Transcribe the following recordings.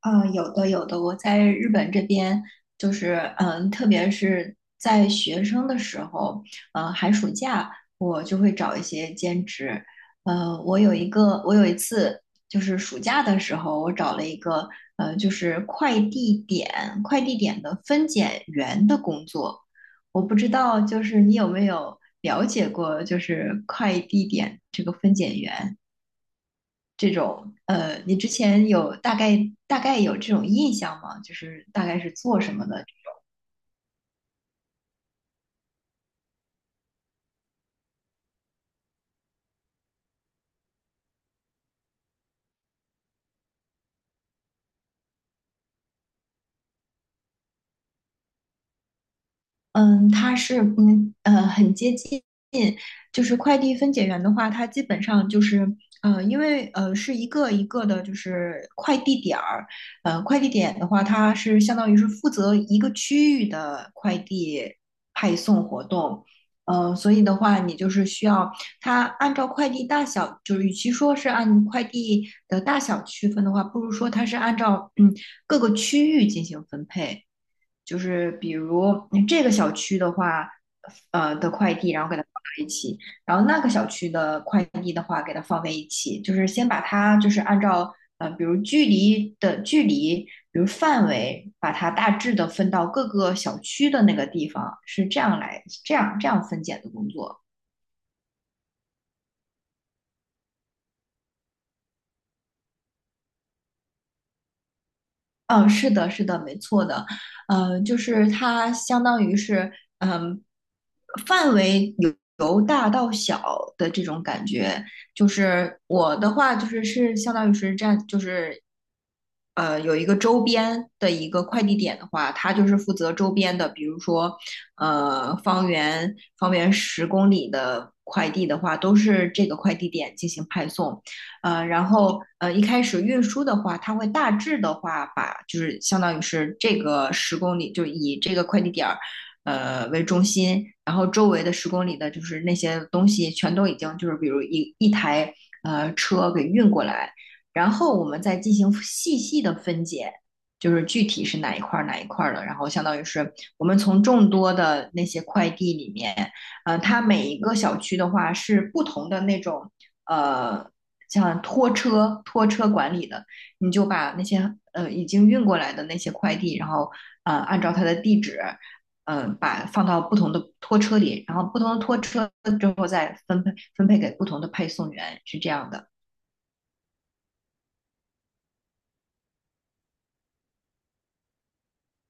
啊，有的有的，我在日本这边就是，特别是在学生的时候，寒暑假我就会找一些兼职。我有一个，我有一次就是暑假的时候，我找了一个，就是快递点的分拣员的工作。我不知道，就是你有没有了解过，就是快递点这个分拣员？这种你之前有大概有这种印象吗？就是大概是做什么的？嗯，它是很接近，就是快递分拣员的话，它基本上就是因为是一个一个的，就是快递点儿，快递点的话，它是相当于是负责一个区域的快递派送活动，所以的话，你就是需要它按照快递大小，就是与其说是按快递的大小区分的话，不如说它是按照各个区域进行分配。就是比如这个小区的话，的快递，然后给它放在一起，然后那个小区的快递的话，给它放在一起，就是先把它就是按照比如距离，比如范围，把它大致的分到各个小区的那个地方，是这样来这样分拣的工作。嗯，是的，是的，没错的，就是它相当于是，嗯，范围由大到小的这种感觉。就是我的话，就是是相当于是占，就是有一个周边的一个快递点的话，它就是负责周边的，比如说方圆十公里的快递的话，都是这个快递点进行派送。一开始运输的话，它会大致的话把就是相当于是这个十公里，就以这个快递点儿为中心，然后周围的十公里的就是那些东西全都已经就是比如一台车给运过来，然后我们再进行细细的分解。就是具体是哪一块儿的，然后相当于是我们从众多的那些快递里面，它每一个小区的话是不同的那种呃像拖车管理的，你就把那些已经运过来的那些快递，然后按照它的地址，把放到不同的拖车里，然后不同的拖车之后再分配给不同的配送员，是这样的。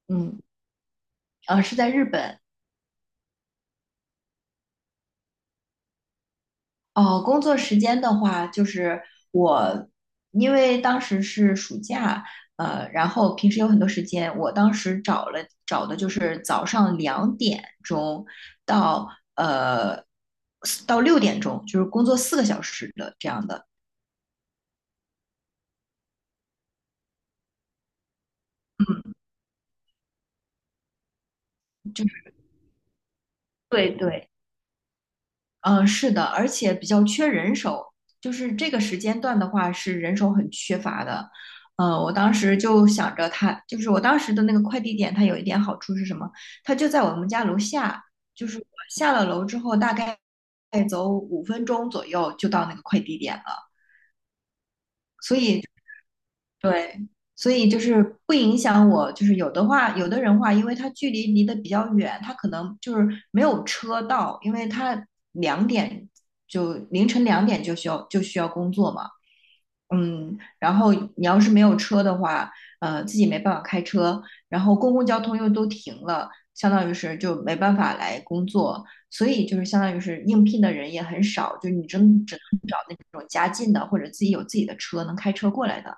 嗯，是在日本。哦，工作时间的话，就是我，因为当时是暑假，然后平时有很多时间，我当时找了找的就是早上2点钟到呃到6点钟，就是工作4个小时的这样的。嗯，就是对对。嗯，是的，而且比较缺人手，就是这个时间段的话是人手很缺乏的。我当时就想着他，就是我当时的那个快递点，它有一点好处是什么？它就在我们家楼下，就是我下了楼之后，大概再走5分钟左右就到那个快递点了。所以。对，所以就是不影响我，就是有的话，有的人话，因为他距离离得比较远，他可能就是没有车到，因为他两点就凌晨两点就需要工作嘛，嗯，然后你要是没有车的话，自己没办法开车，然后公共交通又都停了，相当于是就没办法来工作，所以就是相当于是应聘的人也很少，就是你真只能找那种家近的或者自己有自己的车能开车过来的。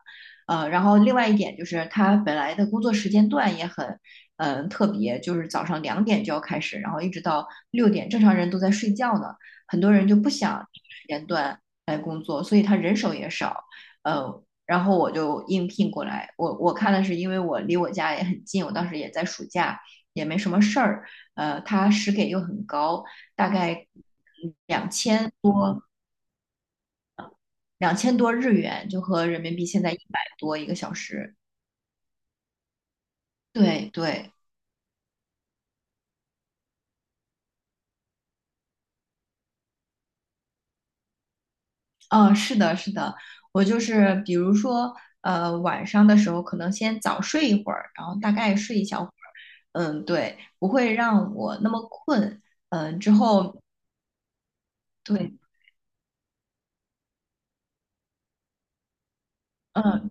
然后另外一点就是他本来的工作时间段也很，嗯、特别，就是早上两点就要开始，然后一直到六点，正常人都在睡觉呢，很多人就不想时间段来工作，所以他人手也少，然后我就应聘过来，我看的是因为我离我家也很近，我当时也在暑假，也没什么事儿，他时给又很高，大概两2000多日元，就和人民币现在100多一个小时，对对。嗯，是的，是的，我就是比如说，晚上的时候可能先早睡一会儿，然后大概睡一小会儿，嗯，对，不会让我那么困。嗯，之后对。嗯，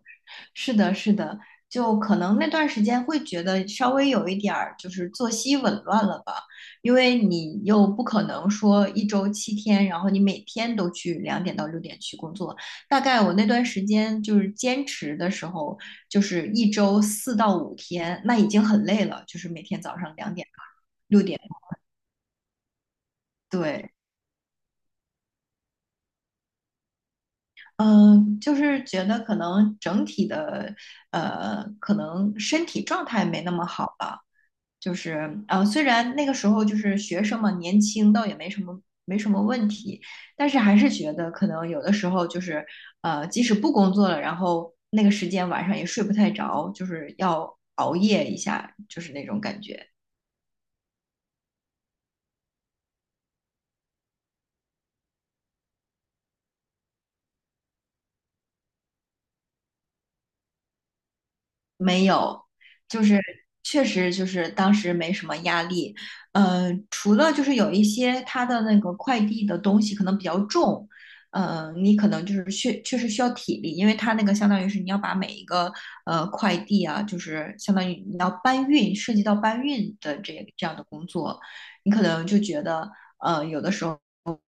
是的，是的，就可能那段时间会觉得稍微有一点儿就是作息紊乱了吧，因为你又不可能说1周7天，然后你每天都去两点到六点去工作。大概我那段时间就是坚持的时候，就是1周4到5天，那已经很累了，就是每天早上两点到六点。对。嗯，就是觉得可能整体的，可能身体状态没那么好吧。就是虽然那个时候就是学生嘛，年轻倒也没什么没什么问题，但是还是觉得可能有的时候就是即使不工作了，然后那个时间晚上也睡不太着，就是要熬夜一下，就是那种感觉。没有，就是确实就是当时没什么压力，除了就是有一些他的那个快递的东西可能比较重，你可能就是确确实需要体力，因为他那个相当于是你要把每一个快递啊，就是相当于你要搬运，涉及到搬运的这样的工作，你可能就觉得有的时候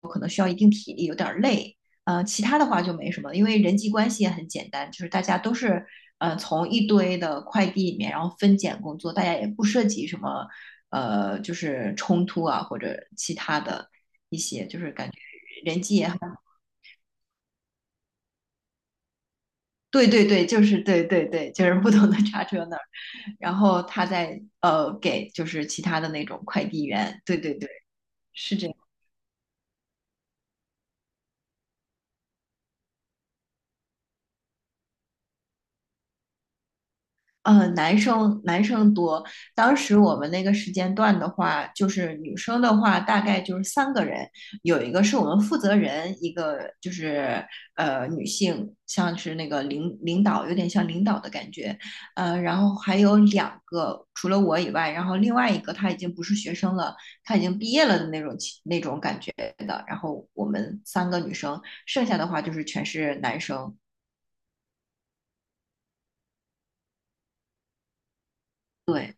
可能需要一定体力，有点儿累。其他的话就没什么，因为人际关系也很简单，就是大家都是从一堆的快递里面，然后分拣工作，大家也不涉及什么就是冲突啊或者其他的一些，就是感觉人际也很对对对，就是对对对，就是不同的叉车那儿，然后他在给就是其他的那种快递员，对对对，是这样。男生多。当时我们那个时间段的话，就是女生的话，大概就是3个人，有一个是我们负责人，一个就是女性，像是那个领导，有点像领导的感觉。然后还有两个，除了我以外，然后另外一个他已经不是学生了，他已经毕业了的那种感觉的。然后我们3个女生，剩下的话就是全是男生。对。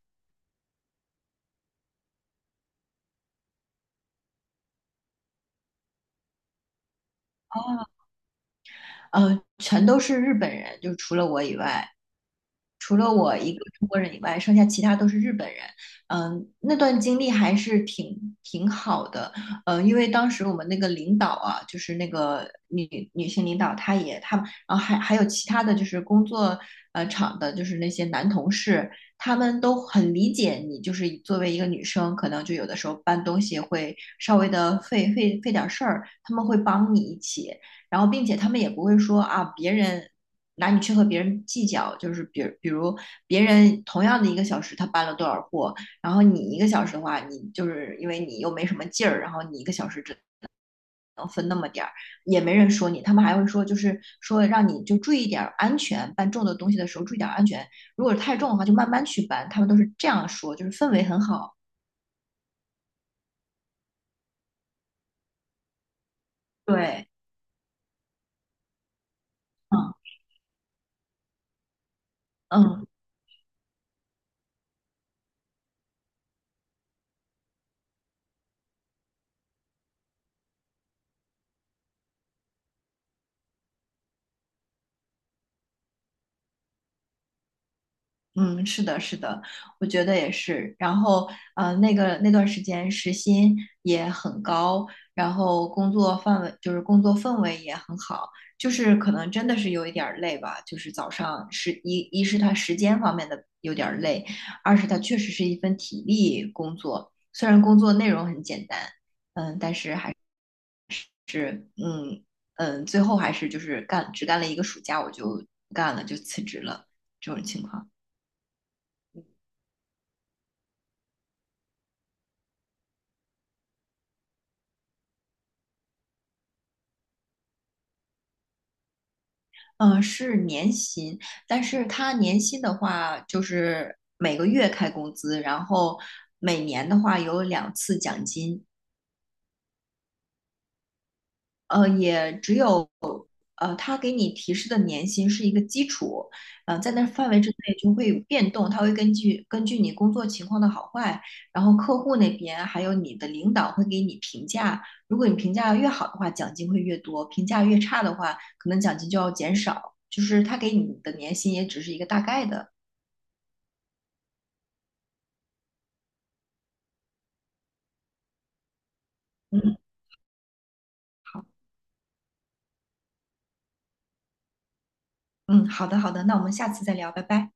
全都是日本人，就除了我以外，除了我一个中国人以外，剩下其他都是日本人。嗯，那段经历还是挺挺好的。嗯，因为当时我们那个领导啊，就是那个女性领导，她也她，然后还还有其他的就是工作场的，就是那些男同事，他们都很理解你，就是作为一个女生，可能就有的时候搬东西会稍微的费点事儿，他们会帮你一起，然后并且他们也不会说啊别人。拿你去和别人计较，就是比如别人同样的一个小时他搬了多少货，然后你一个小时的话，你就是因为你又没什么劲儿，然后你一个小时只能分那么点儿，也没人说你，他们还会说就是说让你就注意点儿安全，搬重的东西的时候注意点儿安全，如果太重的话就慢慢去搬，他们都是这样说，就是氛围很好。对，嗯嗯。嗯，是的，是的，我觉得也是。然后，那段时间时薪也很高，然后工作氛围也很好，就是可能真的是有一点儿累吧。就是早上是一是它时间方面的有点儿累，二是它确实是一份体力工作，虽然工作内容很简单，嗯嗯嗯，最后还是就是只干了一个暑假我就不干了，就辞职了这种情况。嗯，是年薪，但是他年薪的话，就是每个月开工资，然后每年的话有2次奖金。呃，也只有呃，他给你提示的年薪是一个基础，在那范围之内就会有变动，他会根据你工作情况的好坏，然后客户那边还有你的领导会给你评价，如果你评价越好的话，奖金会越多；评价越差的话，可能奖金就要减少。就是他给你的年薪也只是一个大概的。嗯好，嗯，好的好的，那我们下次再聊，拜拜。